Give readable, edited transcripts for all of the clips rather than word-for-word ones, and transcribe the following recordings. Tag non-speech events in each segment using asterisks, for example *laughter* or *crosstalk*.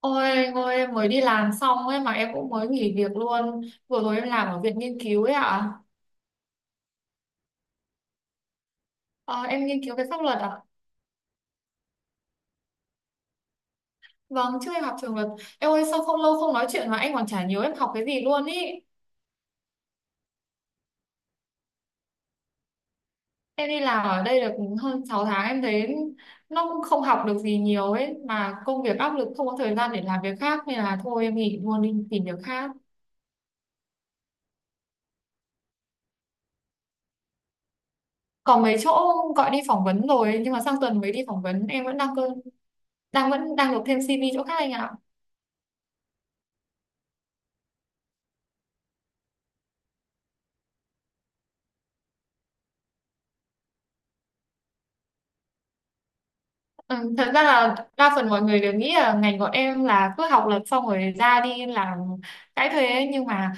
Ôi anh ơi, em mới đi làm xong ấy mà em cũng mới nghỉ việc luôn. Vừa rồi em làm ở viện nghiên cứu ấy ạ. Ờ, Em nghiên cứu về pháp luật ạ. Vâng, trước em học trường luật. Em ơi, sao không lâu không nói chuyện mà anh còn chả nhớ em học cái gì luôn ý. Em đi làm ở đây được hơn 6 tháng, em thấy nó cũng không học được gì nhiều ấy, mà công việc áp lực, không có thời gian để làm việc khác, nên là thôi em nghỉ luôn đi tìm việc khác. Còn mấy chỗ gọi đi phỏng vấn rồi, nhưng mà sang tuần mới đi phỏng vấn. Em vẫn đang cơ đang vẫn đang nộp thêm CV chỗ khác anh ạ. Ừ, thật ra là đa phần mọi người đều nghĩ là ngành bọn em là cứ học luật xong rồi ra đi làm cái thuê ấy. Nhưng mà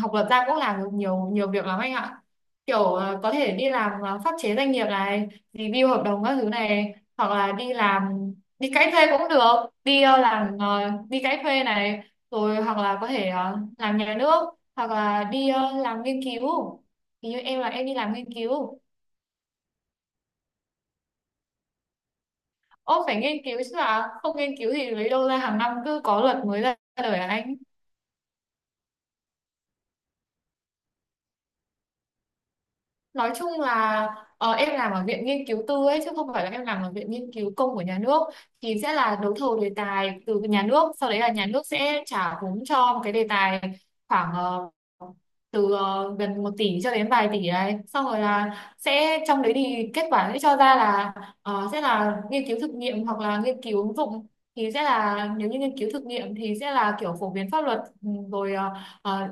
học luật ra cũng làm được nhiều nhiều việc lắm anh ạ, kiểu có thể đi làm pháp chế doanh nghiệp này, review hợp đồng các thứ này, hoặc là đi làm, đi cãi thuê cũng được, đi ờ, làm ờ, đi cãi thuê này, rồi hoặc là có thể làm nhà nước, hoặc là đi làm nghiên cứu, thì như em là em đi làm nghiên cứu. Ô, phải nghiên cứu chứ, là không nghiên cứu thì lấy đâu ra hàng năm cứ có luật mới ra đời hả anh? Nói chung là, em làm ở viện nghiên cứu tư ấy chứ không phải là em làm ở viện nghiên cứu công của nhà nước, thì sẽ là đấu thầu đề tài từ nhà nước, sau đấy là nhà nước sẽ trả vốn cho một cái đề tài khoảng từ gần 1 tỷ cho đến vài tỷ đấy, xong rồi là sẽ, trong đấy thì kết quả sẽ cho ra là sẽ là nghiên cứu thực nghiệm hoặc là nghiên cứu ứng dụng. Thì sẽ là nếu như nghiên cứu thực nghiệm thì sẽ là kiểu phổ biến pháp luật, ừ, rồi ờ, ờ,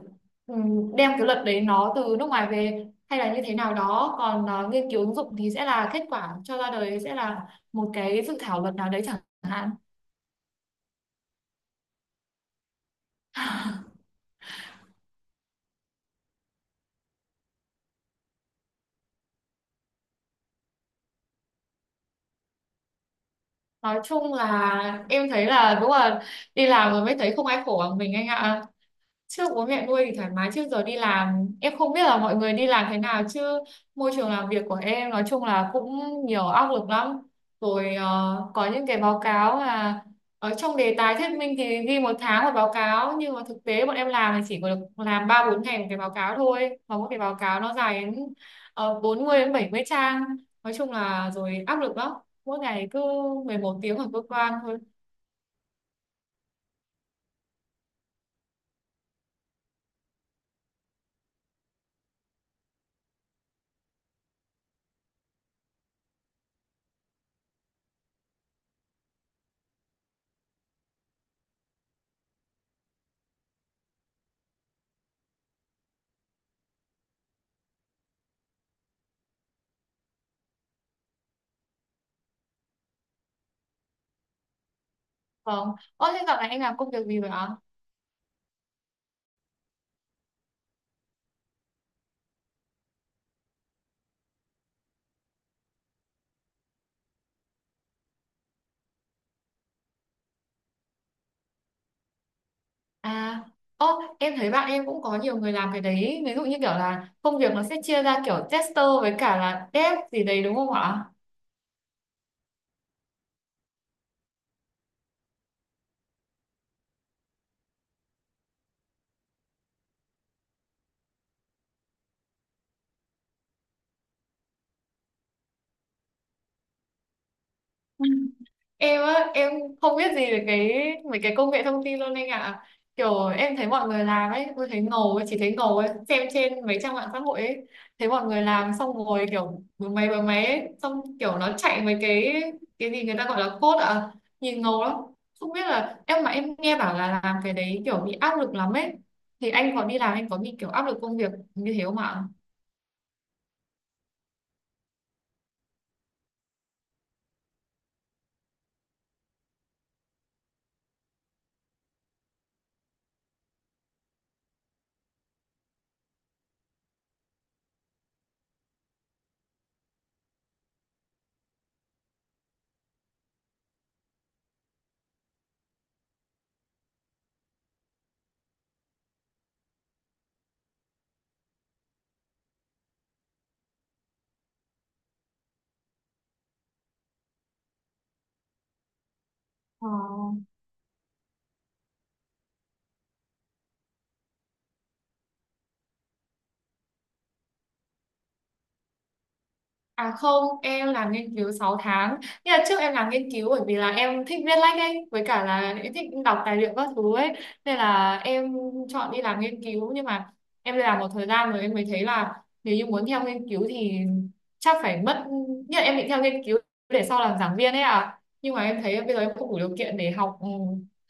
ừ, đem cái luật đấy nó từ nước ngoài về hay là như thế nào đó. Còn nghiên cứu ứng dụng thì sẽ là kết quả cho ra đời sẽ là một cái dự thảo luật nào đấy chẳng hạn. *laughs* Nói chung là em thấy là đúng là đi làm rồi mới thấy không ai khổ bằng mình anh ạ. Trước bố mẹ nuôi thì thoải mái, trước giờ đi làm em không biết là mọi người đi làm thế nào chứ môi trường làm việc của em nói chung là cũng nhiều áp lực lắm. Rồi có những cái báo cáo là ở trong đề tài thuyết minh thì ghi một tháng một báo cáo, nhưng mà thực tế bọn em làm thì chỉ có được làm ba bốn ngày một cái báo cáo thôi, và mỗi cái báo cáo nó dài đến 40 đến 70 trang. Nói chung là rồi áp lực lắm, mỗi ngày cứ 11 tiếng ở cơ quan thôi. Vâng. Ơ thế dạo này anh làm công việc gì vậy ạ? À, ô, em thấy bạn em cũng có nhiều người làm cái đấy. Ví dụ như kiểu là công việc nó sẽ chia ra kiểu tester với cả là dev gì đấy đúng không ạ? Em á em không biết gì về cái mấy cái công nghệ thông tin luôn anh ạ. Kiểu em thấy mọi người làm ấy, tôi thấy ngầu ấy, chỉ thấy ngầu ấy, xem trên mấy trang mạng xã hội ấy, thấy mọi người làm xong rồi kiểu bấm máy ấy, xong kiểu nó chạy mấy cái gì người ta gọi là code à, nhìn ngầu lắm. Không biết là em, mà em nghe bảo là làm cái đấy kiểu bị áp lực lắm ấy, thì anh có đi làm anh có bị kiểu áp lực công việc như thế không ạ? Ờ. À không, em làm nghiên cứu 6 tháng. Nhưng là trước em làm nghiên cứu bởi vì là em thích viết lách ấy, với cả là em thích đọc tài liệu các thứ ấy. Nên là em chọn đi làm nghiên cứu. Nhưng mà em làm một thời gian rồi em mới thấy là nếu như muốn theo nghiên cứu thì chắc phải mất... Như là em định theo nghiên cứu để sau làm giảng viên ấy à. Nhưng mà em thấy bây giờ em không đủ điều kiện để học ừ,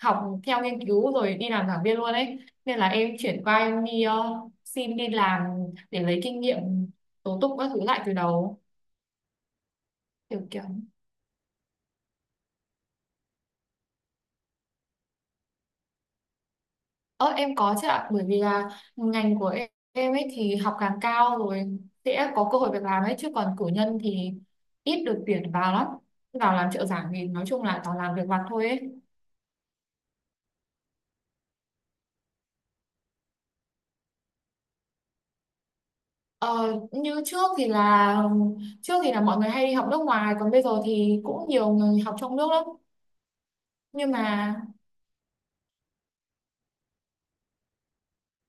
học theo nghiên cứu rồi đi làm giảng viên luôn ấy. Nên là em chuyển qua, em đi xin đi làm để lấy kinh nghiệm tố tụng các thứ lại từ đầu, kiểu kiểu. Ờ em có chứ ạ, bởi vì là ngành của em ấy, thì học càng cao rồi sẽ có cơ hội việc làm ấy, chứ còn cử nhân thì ít được tuyển vào lắm, vào làm trợ giảng thì nói chung là toàn làm việc vặt thôi ấy. Ờ, Như trước thì là, trước thì là mọi người hay đi học nước ngoài, còn bây giờ thì cũng nhiều người học trong nước lắm. Nhưng mà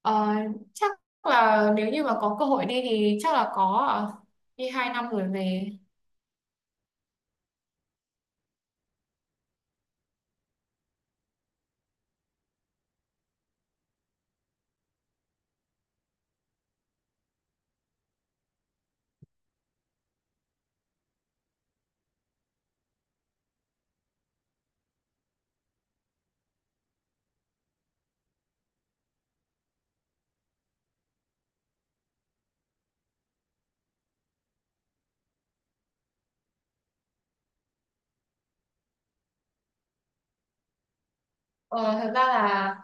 ờ, chắc là nếu như mà có cơ hội đi thì chắc là có ạ. Đi 2 năm rồi về. Ờ, thật ra là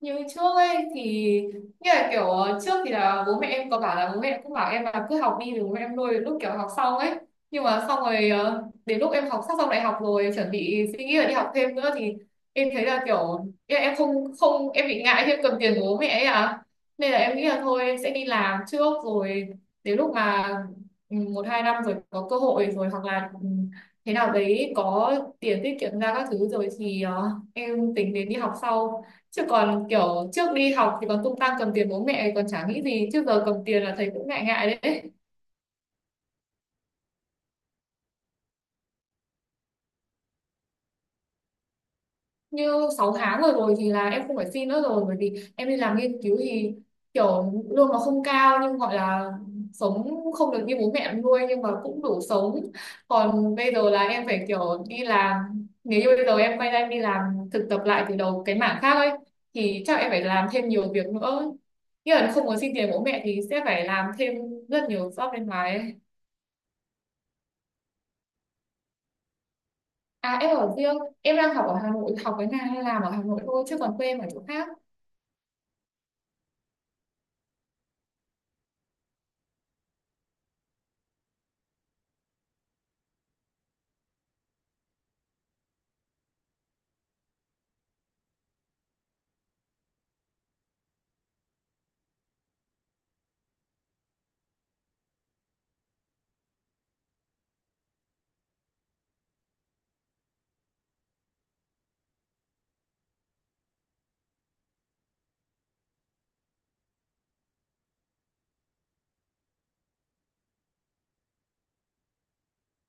như trước ấy thì, như là kiểu trước thì là bố mẹ em có bảo là bố mẹ em cũng bảo em là cứ học đi rồi bố mẹ em nuôi đến lúc kiểu học xong ấy, nhưng mà xong rồi đến lúc em học sắp xong đại học rồi chuẩn bị suy nghĩ là đi học thêm nữa thì em thấy là kiểu ý là em không không em bị ngại khi em cầm tiền của bố mẹ ấy à. Nên là em nghĩ là thôi em sẽ đi làm trước, rồi đến lúc mà, 1, 2 năm rồi có cơ hội rồi, hoặc là thế nào đấy có tiền tiết kiệm ra các thứ rồi thì em tính đến đi học sau. Chứ còn kiểu trước đi học thì còn tung tăng cầm tiền bố mẹ còn chả nghĩ gì, chứ giờ cầm tiền là thấy cũng ngại ngại đấy. Như 6 tháng rồi rồi thì là em không phải xin nữa rồi, bởi vì em đi làm nghiên cứu thì kiểu lương nó không cao, nhưng gọi là sống, không được như bố mẹ em nuôi nhưng mà cũng đủ sống. Còn bây giờ là em phải kiểu đi làm, nếu như bây giờ em quay ra em đi làm thực tập lại từ đầu cái mảng khác ấy thì chắc em phải làm thêm nhiều việc nữa, nghĩa là không muốn xin tiền bố mẹ thì sẽ phải làm thêm rất nhiều job bên ngoài ấy. À, em ở riêng. Em đang học ở Hà Nội, học cái này hay làm ở Hà Nội thôi, chứ còn quê em ở chỗ khác.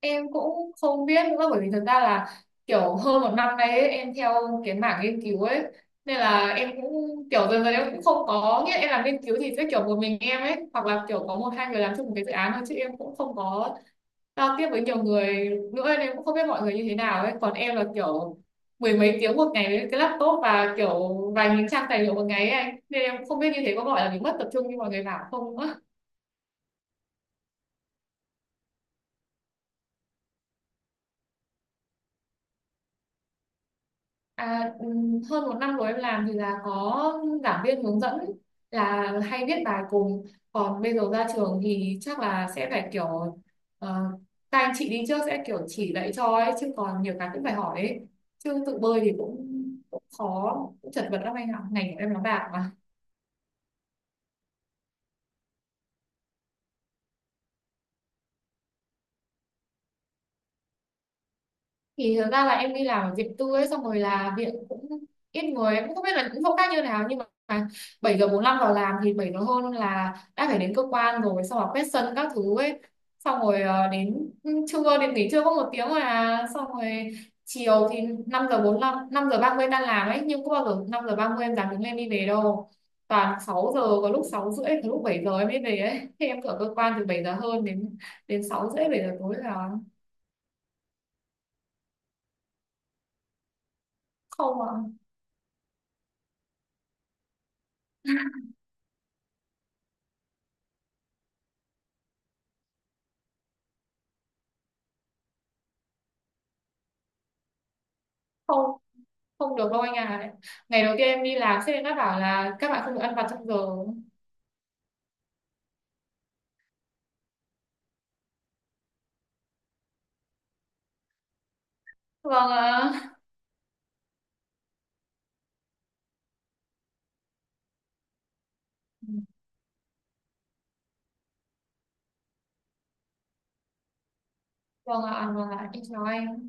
Em cũng không biết nữa, bởi vì thực ra là kiểu hơn 1 năm nay ấy, em theo cái mảng nghiên cứu ấy nên là em cũng kiểu dần dần em cũng không có, nghĩa là em làm nghiên cứu thì sẽ kiểu một mình em ấy, hoặc là kiểu có một hai người làm chung một cái dự án thôi, chứ em cũng không có giao tiếp với nhiều người nữa, nên em cũng không biết mọi người như thế nào ấy. Còn em là kiểu mười mấy tiếng một ngày với cái laptop và kiểu vài nghìn trang tài liệu một ngày ấy anh, nên em cũng không biết như thế có gọi là mình mất tập trung như mọi người bảo không nữa. À, hơn 1 năm rồi em làm thì là có giảng viên hướng dẫn là hay viết bài cùng. Còn bây giờ ra trường thì chắc là sẽ phải kiểu uh, các anh chị đi trước sẽ kiểu chỉ dạy cho ấy, chứ còn nhiều cái cũng phải hỏi ấy, chứ tự bơi thì cũng khó, cũng chật vật lắm anh ạ, ngành của em nó bạc. Thì thực ra là em đi làm ở viện tư ấy, xong rồi là viện cũng ít người, em cũng không biết là những chỗ khác như nào, nhưng mà bảy giờ 45 vào làm thì 7 giờ hơn là đã phải đến cơ quan rồi, xong rồi quét sân các thứ ấy, xong rồi đến trưa, đến nghỉ trưa có 1 tiếng rồi à, xong rồi chiều thì năm giờ 45, 5:30 tan làm ấy, nhưng có bao giờ 5:30 em dám đứng lên đi về đâu, toàn 6 giờ, có lúc 6 rưỡi, có lúc 7 giờ em mới về ấy. Thì em ở cơ quan từ 7 giờ hơn đến đến 6 rưỡi, 7 giờ tối là. Không ạ. Không, không được đâu anh à, ngày đầu tiên em đi làm sếp em đã bảo là các bạn không được ăn vặt trong giờ. Vâng ạ, vâng ạ, vâng ạ, em chào anh.